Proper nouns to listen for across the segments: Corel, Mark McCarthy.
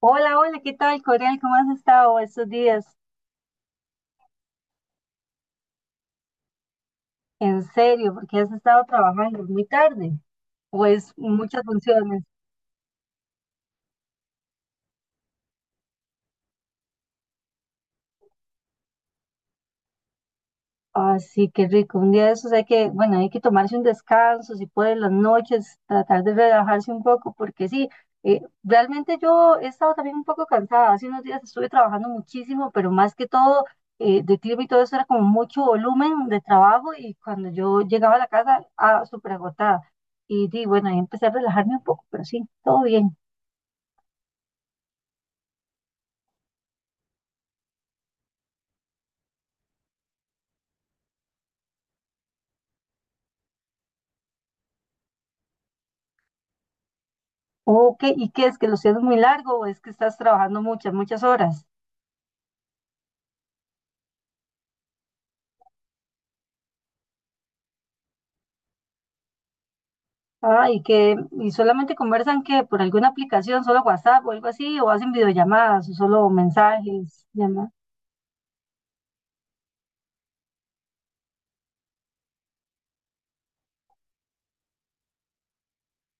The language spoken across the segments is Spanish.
Hola, hola, ¿qué tal, Corel? ¿Cómo has estado estos días? En serio, porque has estado trabajando muy tarde, pues muchas funciones. Así que rico. Un día de esos hay que, bueno, hay que tomarse un descanso, si puede, en las noches, tratar de relajarse un poco, porque sí, realmente yo he estado también un poco cansada. Hace unos días estuve trabajando muchísimo, pero más que todo, de clima y todo eso era como mucho volumen de trabajo y cuando yo llegaba a la casa, ah, súper agotada. Y di, bueno, ahí empecé a relajarme un poco, pero sí, todo bien. Ok, ¿y qué es que lo siento muy largo o es que estás trabajando muchas, muchas horas? Ah, y solamente conversan que por alguna aplicación, solo WhatsApp o algo así, o hacen videollamadas o solo mensajes, llama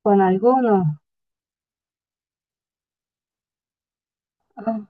con alguno. Ah.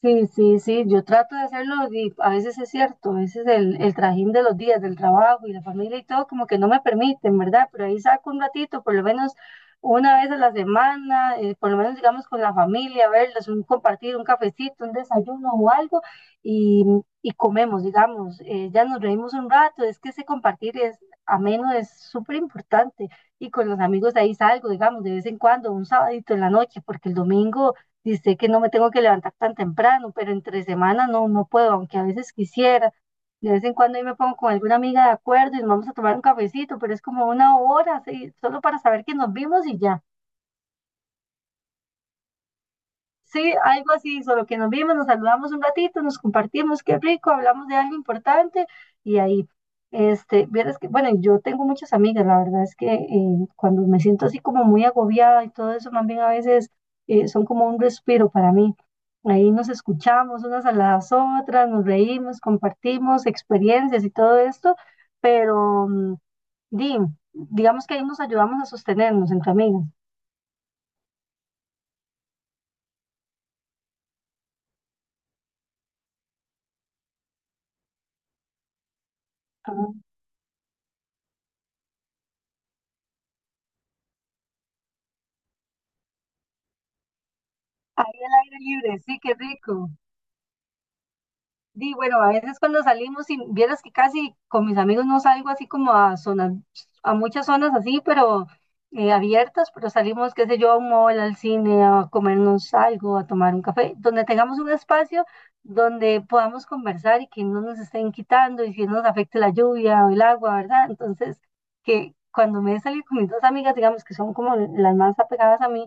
Sí, sí, sí, yo trato de hacerlo y a veces es cierto, a veces el trajín de los días, del trabajo y la familia y todo como que no me permiten, ¿verdad? Pero ahí saco un ratito, por lo menos una vez a la semana, por lo menos digamos con la familia, verlos, un compartir, un cafecito, un desayuno o algo y, y comemos, digamos, ya nos reímos un rato, es que ese compartir es ameno, es súper importante y con los amigos de ahí salgo, digamos, de vez en cuando, un sabadito en la noche, porque el domingo y sé que no me tengo que levantar tan temprano, pero entre semana no, no puedo, aunque a veces quisiera. De vez en cuando ahí me pongo con alguna amiga de acuerdo y nos vamos a tomar un cafecito, pero es como una hora, sí, solo para saber que nos vimos y ya. Sí, algo así, solo que nos vimos, nos saludamos un ratito, nos compartimos, qué rico, hablamos de algo importante y ahí, vieras que, bueno, yo tengo muchas amigas, la verdad es que cuando me siento así como muy agobiada y todo eso, más bien a veces son como un respiro para mí. Ahí nos escuchamos unas a las otras, nos reímos, compartimos experiencias y todo esto, pero di, digamos que ahí nos ayudamos a sostenernos entre amigas. Ah. Ahí el aire libre, sí, qué rico. Di, bueno, a veces cuando salimos, y vieras que casi con mis amigos no salgo así como a zonas, a muchas zonas así, pero abiertas, pero salimos, qué sé yo, a un mall, al cine, a comernos algo, a tomar un café, donde tengamos un espacio donde podamos conversar y que no nos estén quitando y que no nos afecte la lluvia o el agua, ¿verdad? Entonces, que cuando me he salido con mis dos amigas, digamos que son como las más apegadas a mí,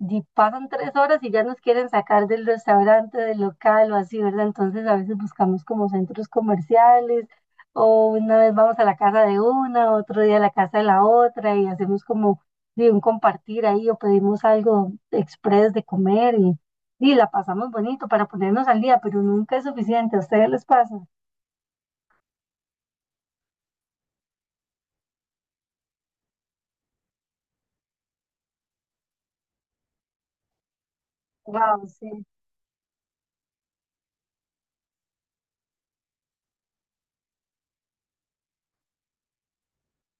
y pasan 3 horas y ya nos quieren sacar del restaurante, del local o así, ¿verdad? Entonces a veces buscamos como centros comerciales o una vez vamos a la casa de una, otro día a la casa de la otra y hacemos como de un compartir ahí o pedimos algo express de comer y la pasamos bonito para ponernos al día, pero nunca es suficiente. ¿A ustedes les pasa? Wow.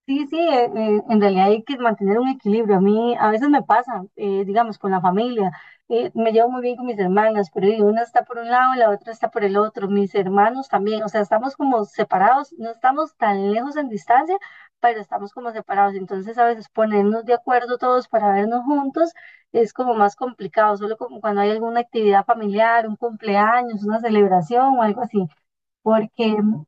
Sí, sí, en realidad hay que mantener un equilibrio. A mí a veces me pasa, digamos, con la familia. Me llevo muy bien con mis hermanas, pero una está por un lado y la otra está por el otro. Mis hermanos también, o sea, estamos como separados, no estamos tan lejos en distancia, pero estamos como separados. Entonces a veces ponernos de acuerdo todos para vernos juntos es como más complicado, solo como cuando hay alguna actividad familiar, un cumpleaños, una celebración o algo así. Porque,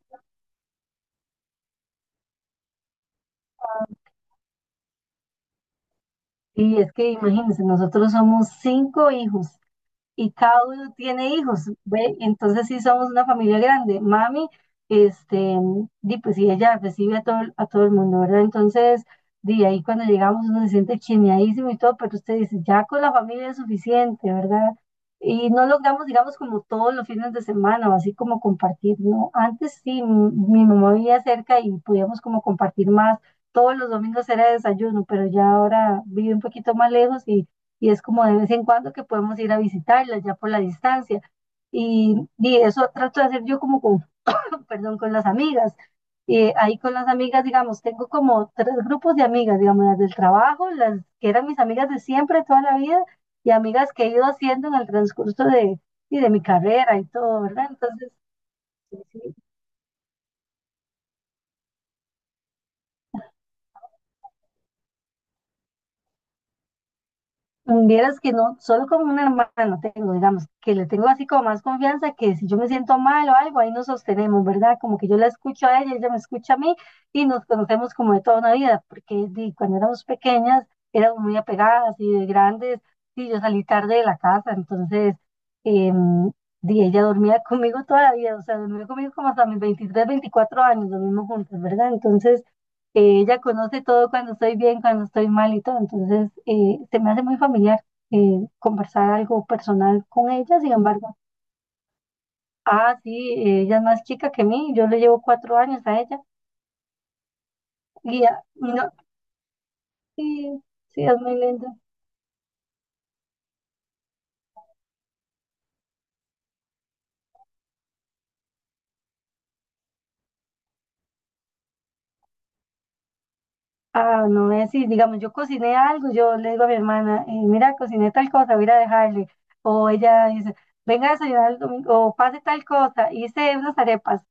y es que imagínense, nosotros somos cinco hijos y cada uno tiene hijos, ¿ve? Entonces sí somos una familia grande. Mami, este, di, pues sí, ella recibe a todo, a todo el mundo, ¿verdad? Entonces, de ahí cuando llegamos uno se siente chineadísimo y todo, pero usted dice, ya con la familia es suficiente, ¿verdad? Y no logramos, digamos, como todos los fines de semana, o así como compartir, ¿no? Antes sí, mi mamá vivía cerca y podíamos como compartir más. Todos los domingos era desayuno, pero ya ahora vive un poquito más lejos y es como de vez en cuando que podemos ir a visitarlas ya por la distancia. Y eso trato de hacer yo como con, perdón, con las amigas. Ahí con las amigas, digamos, tengo como tres grupos de amigas, digamos, las del trabajo, las que eran mis amigas de siempre, toda la vida, y amigas que he ido haciendo en el transcurso y de mi carrera y todo, ¿verdad? Entonces, sí, sí. Mm, vieras que no, solo con un hermano tengo, digamos, que le tengo así como más confianza, que si yo me siento mal o algo, ahí nos sostenemos, ¿verdad? Como que yo la escucho a ella, ella me escucha a mí y nos conocemos como de toda una vida, porque di, cuando éramos pequeñas éramos muy apegadas y de grandes, y yo salí tarde de la casa, entonces, em, di, ella dormía conmigo toda la vida, o sea, dormía conmigo como hasta mis 23, 24 años, dormimos juntas, ¿verdad? Entonces... Ella conoce todo cuando estoy bien, cuando estoy mal y todo. Entonces, se me hace muy familiar conversar algo personal con ella. Sin embargo, ah, sí, ella es más chica que mí. Yo le llevo 4 años a ella. Y ah, no, sí, sí, es muy lindo. Ah, no es así. Digamos, yo cociné algo, yo le digo a mi hermana, mira, cociné tal cosa, voy a ir a dejarle. O ella dice, venga a desayunar el domingo, o pase tal cosa, hice unas arepas.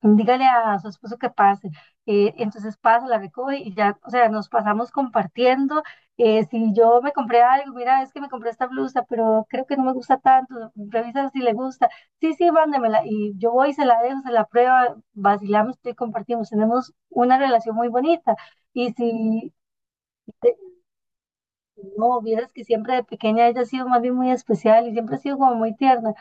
Dígale a su esposo que pase. Entonces pasa, la recoge y ya, o sea, nos pasamos compartiendo. Si yo me compré algo, mira, es que me compré esta blusa, pero creo que no me gusta tanto, revisa si le gusta. Sí, sí, mándemela. Y yo voy, se la dejo, se la prueba, vacilamos y compartimos. Tenemos una relación muy bonita. Y si no, vieras que siempre de pequeña ella ha sido más bien muy especial y siempre ha sido como muy tierna.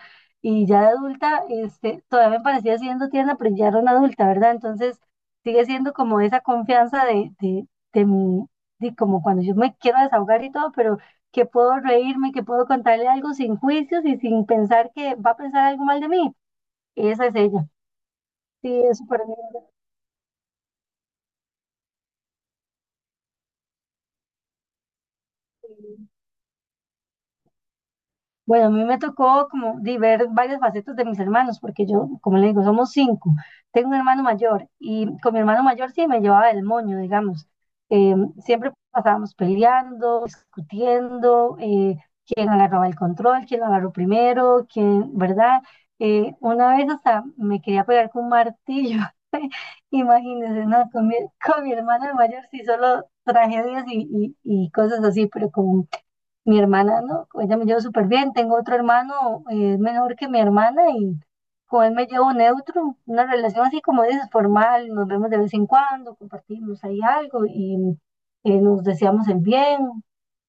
Y ya de adulta, todavía me parecía siendo tierna, pero ya era una adulta, ¿verdad? Entonces sigue siendo como esa confianza de mi, de como cuando yo me quiero desahogar y todo, pero que puedo reírme, que puedo contarle algo sin juicios y sin pensar que va a pensar algo mal de mí. Esa es ella. Sí, eso para mí. Bueno, a mí me tocó como di, ver varias facetas de mis hermanos, porque yo, como le digo, somos cinco. Tengo un hermano mayor y con mi hermano mayor sí me llevaba el moño, digamos. Eh, Siempre pasábamos peleando, discutiendo, quién agarraba el control, quién lo agarró primero, quién, ¿verdad? Una vez hasta me quería pegar con un martillo, imagínense, ¿no? Con mi hermano mayor sí solo tragedias y, y cosas así, pero mi hermana, ¿no? Con ella me llevo súper bien. Tengo otro hermano, es menor que mi hermana y con él me llevo neutro. Una relación así como dices, formal. Nos vemos de vez en cuando, compartimos ahí algo y nos deseamos el bien,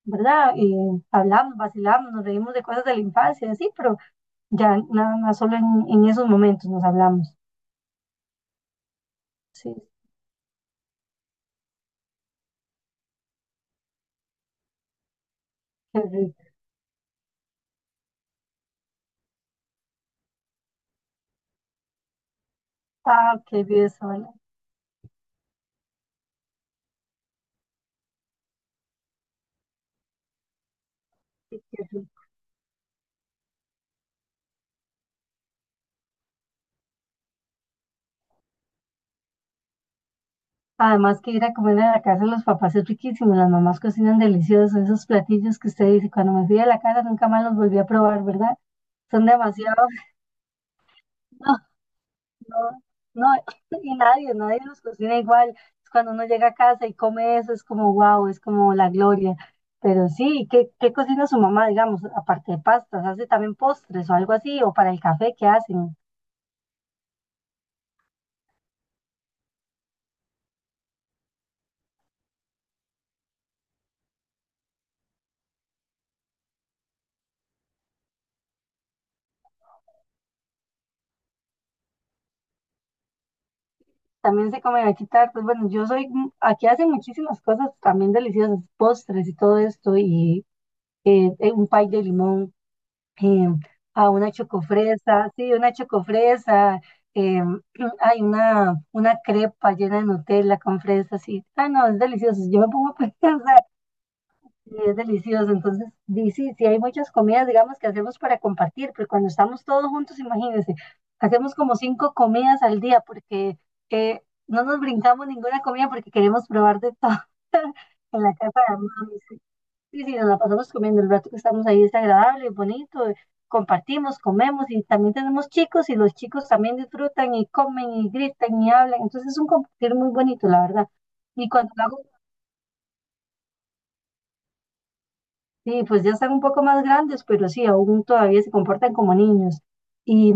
¿verdad? Y hablamos, vacilamos, nos reímos de cosas de la infancia, y así, pero ya nada más solo en esos momentos nos hablamos. Sí, qué rico. Ah, qué bien, Sonia. Sí, qué rico. Además que ir a comer a la casa de los papás es riquísimo, las mamás cocinan deliciosos, esos platillos que usted dice, cuando me fui de la casa nunca más los volví a probar, ¿verdad? Son demasiados. No, no, no, y nadie, nadie los cocina igual. Es cuando uno llega a casa y come eso, es como wow, es como la gloria. Pero sí, ¿qué, qué cocina su mamá, digamos, aparte de pastas? ¿Hace también postres o algo así? ¿O para el café qué hacen? También se come quitar, pues bueno, yo soy, aquí hacen muchísimas cosas también deliciosas, postres y todo esto, y un pay de limón, eh, a una chocofresa, sí, una chocofresa, eh, hay una crepa llena de Nutella con fresa sí. Ah, no, es delicioso. Yo me pongo a pensar y es delicioso. Entonces, sí, sí, hay muchas comidas, digamos, que hacemos para compartir, pero cuando estamos todos juntos, imagínense, hacemos como cinco comidas al día porque eh, no nos brincamos ninguna comida porque queremos probar de todo en la casa de amigos. Sí, sí, nos la pasamos comiendo, el rato que estamos ahí es agradable, bonito, compartimos, comemos y también tenemos chicos y los chicos también disfrutan y comen y gritan y hablan, entonces es un compartir muy bonito, la verdad. Y cuando lo hago, sí, pues ya están un poco más grandes, pero sí, aún todavía se comportan como niños. Y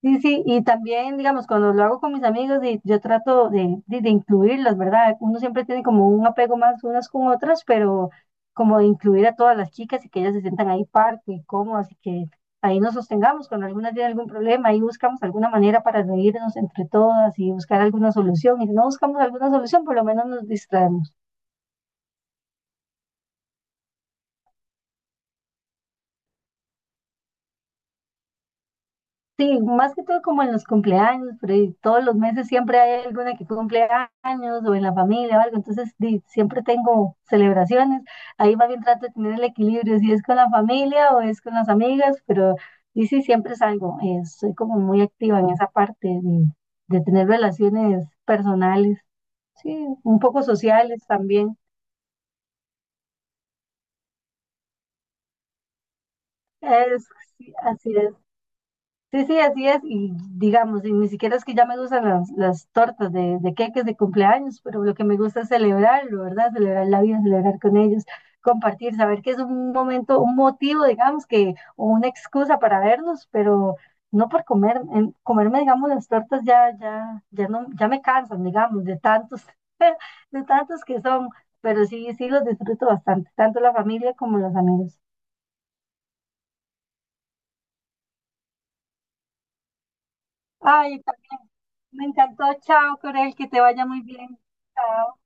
sí, sí, y también, digamos, cuando lo hago con mis amigos, y yo trato de incluirlas, ¿verdad? Uno siempre tiene como un apego más unas con otras, pero como de incluir a todas las chicas y que ellas se sientan ahí parte y cómodas y que ahí nos sostengamos cuando algunas tienen algún problema, ahí buscamos alguna manera para reírnos entre todas y buscar alguna solución. Y si no buscamos alguna solución, por lo menos nos distraemos. Sí, más que todo como en los cumpleaños, pero ahí todos los meses siempre hay alguna que cumple años o en la familia o algo, entonces di, siempre tengo celebraciones, ahí más bien trato de tener el equilibrio, si es con la familia o es con las amigas, pero y sí, siempre salgo, soy como muy activa en esa parte de tener relaciones personales, sí, un poco sociales también, es, sí, así es. Sí, sí, así es. Y digamos, y ni siquiera es que ya me gustan las tortas de queques de cumpleaños, pero lo que me gusta es celebrarlo, ¿verdad? Celebrar la vida, celebrar con ellos, compartir, saber que es un momento, un motivo, digamos, que, o una excusa para vernos, pero no por comer, comerme, digamos, las tortas ya, ya, ya no, ya me cansan, digamos, de tantos, de tantos que son, pero sí, sí los disfruto bastante, tanto la familia como los amigos. Ay, también me encantó. Chao, Corel, que te vaya muy bien. Chao.